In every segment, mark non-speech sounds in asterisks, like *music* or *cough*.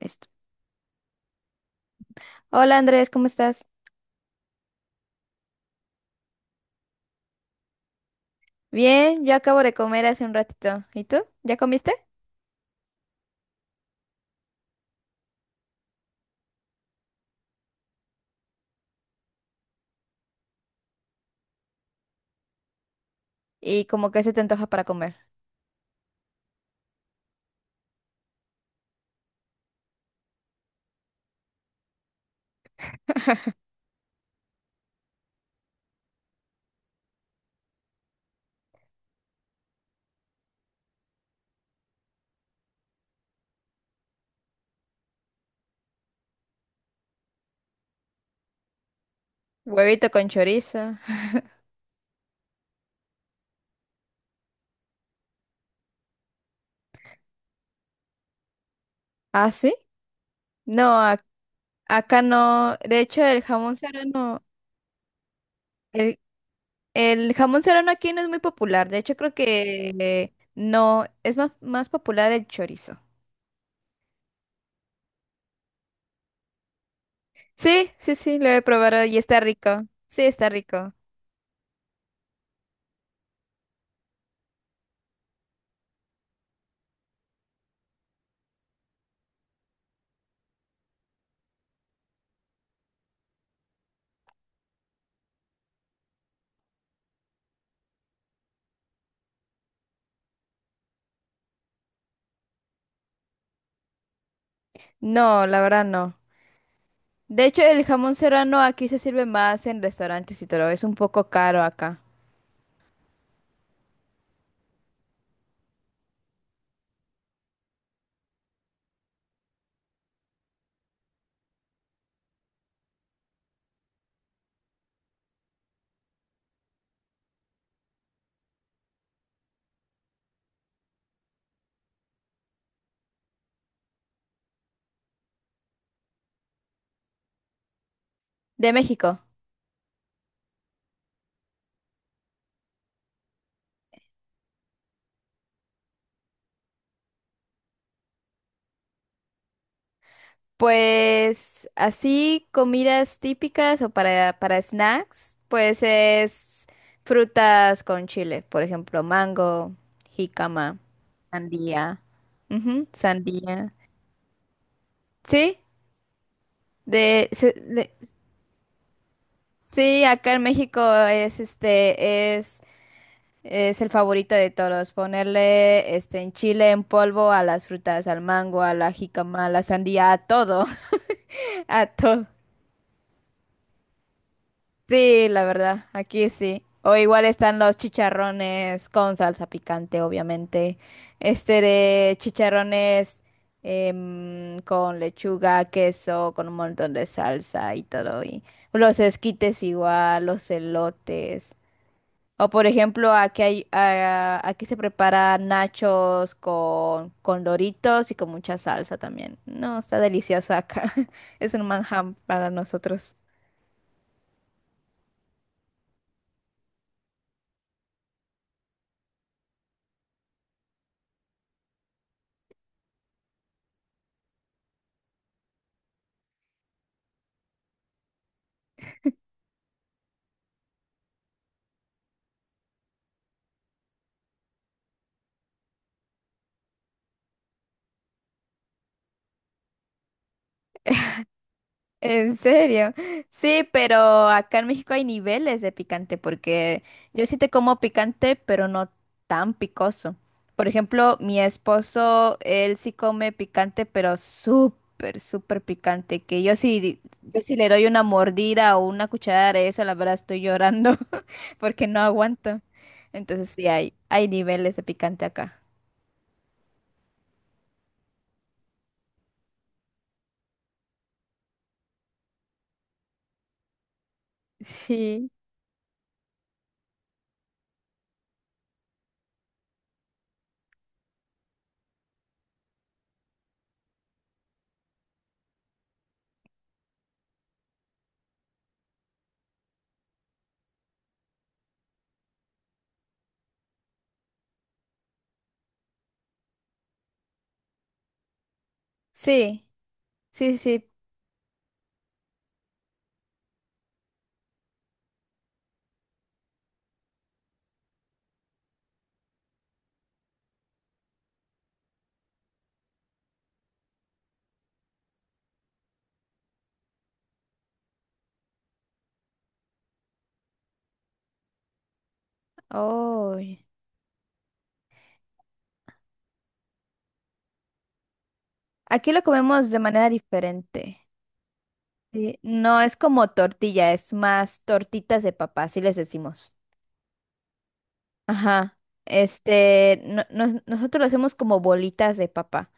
Listo. Hola Andrés, ¿cómo estás? Bien, yo acabo de comer hace un ratito. ¿Y tú? ¿Ya comiste? ¿Y como que se te antoja para comer? Huevito con chorizo. ¿Ah, sí? No, acá no. De hecho, el jamón serrano, el, el jamón serrano aquí no es muy popular. De hecho, creo que no, es más, más popular el chorizo. Sí, sí, sí, lo he probado y está rico. Sí, está rico. No, la verdad no. De hecho, el jamón serrano aquí se sirve más en restaurantes y todo. Es un poco caro acá. De México. Pues así, comidas típicas o para snacks, pues es frutas con chile, por ejemplo, mango, jícama, sandía. Ujú, sandía. Sí, de, se- de- sí, acá en México es este, es, es el favorito de todos, ponerle este en chile en polvo a las frutas, al mango, a la jícama, a la sandía, a todo, *laughs* a todo. Sí, la verdad, aquí sí. O igual están los chicharrones con salsa picante, obviamente. Este de chicharrones con lechuga, queso, con un montón de salsa y todo. Y los esquites igual, los elotes. O por ejemplo, aquí se prepara nachos con doritos y con mucha salsa también. No, está delicioso acá. *laughs* Es un manjar para nosotros. ¿En serio? Sí, pero acá en México hay niveles de picante porque yo sí te como picante, pero no tan picoso. Por ejemplo, mi esposo, él sí come picante, pero súper, súper picante, que yo sí, yo sí le doy una mordida o una cucharada de eso, la verdad estoy llorando *laughs* porque no aguanto. Entonces sí hay niveles de picante acá. Sí, sí, sí, sí. Oh, aquí lo comemos de manera diferente. Sí, no es como tortilla, es más tortitas de papá, así les decimos. Ajá. Este, nosotros lo hacemos como bolitas de papá.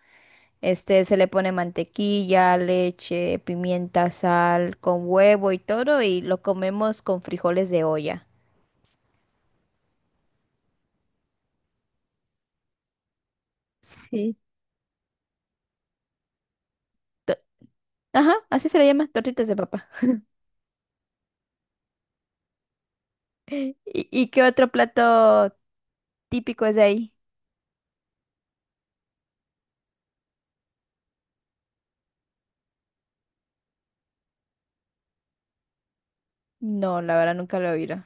Este, se le pone mantequilla, leche, pimienta, sal, con huevo y todo, y lo comemos con frijoles de olla. Sí. to- Ajá, así se le llama, tortitas de papá. *laughs* Y, ¿qué otro plato típico es de ahí? No, la verdad nunca lo he oído.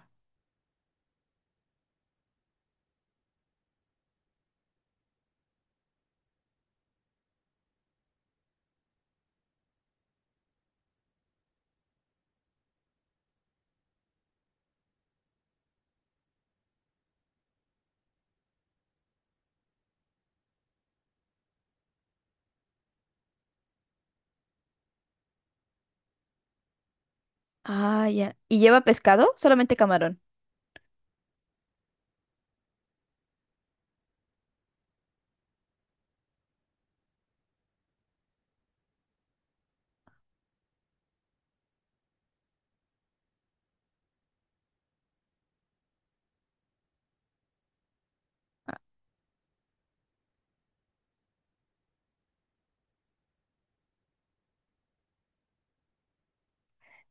Ah, ya. ¿Y lleva pescado? Solamente camarón.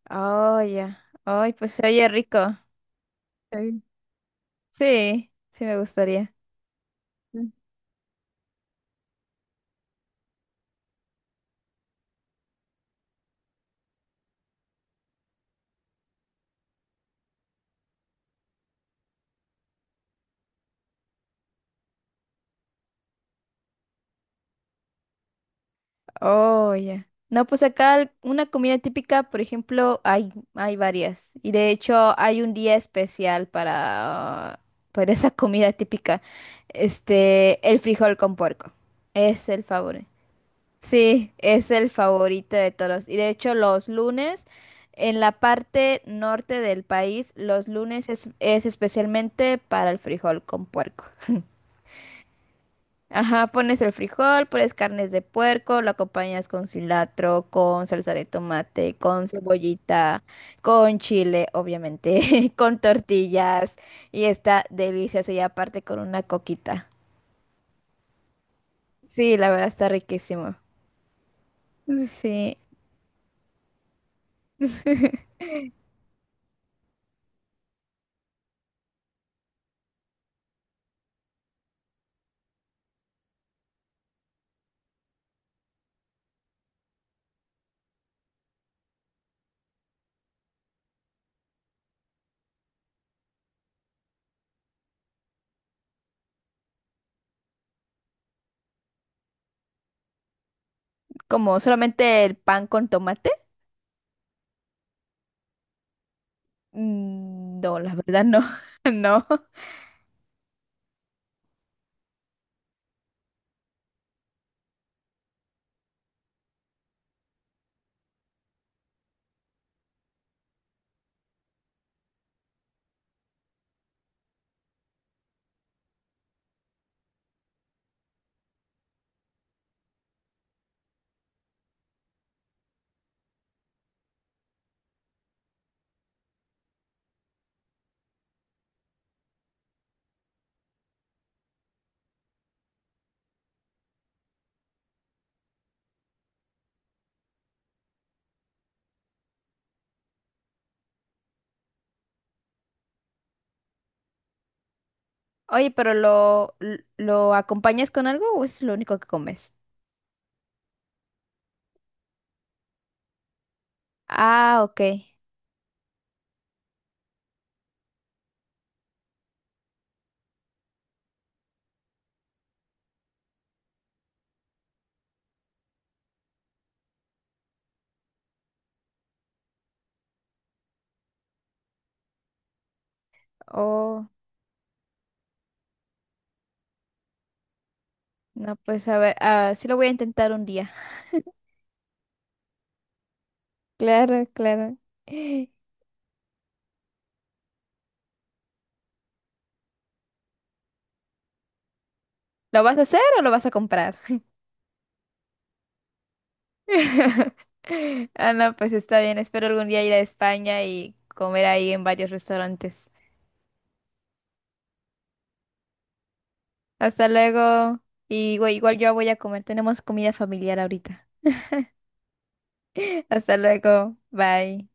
Oh, ya. Ay, pues se oye rico. Sí. Sí, sí me gustaría. Mm. Oh, ya. No, pues acá una comida típica, por ejemplo, hay varias. Y de hecho hay un día especial para esa comida típica. Este, el frijol con puerco. Es el favorito. Sí, es el favorito de todos. Y de hecho, los lunes, en la parte norte del país, los lunes es especialmente para el frijol con puerco. *laughs* Ajá, pones el frijol, pones carnes de puerco, lo acompañas con cilantro, con salsa de tomate, con cebollita, con chile, obviamente, *laughs* con tortillas. Y está delicioso y aparte con una coquita. Sí, la verdad está riquísimo. Sí, como solamente el pan con tomate. Mm, no, la verdad no, *laughs* no. Oye, pero ¿lo acompañas con algo o es lo único que comes? Ah, ok. Oh, no, pues a ver, ah, sí lo voy a intentar un día. Claro, claro. *laughs* ¿Lo vas a hacer o lo vas a comprar? *laughs* Ah, no, pues está bien. Espero algún día ir a España y comer ahí en varios restaurantes. Hasta luego. Y güey, igual yo voy a comer. Tenemos comida familiar ahorita. *laughs* Hasta luego. Bye.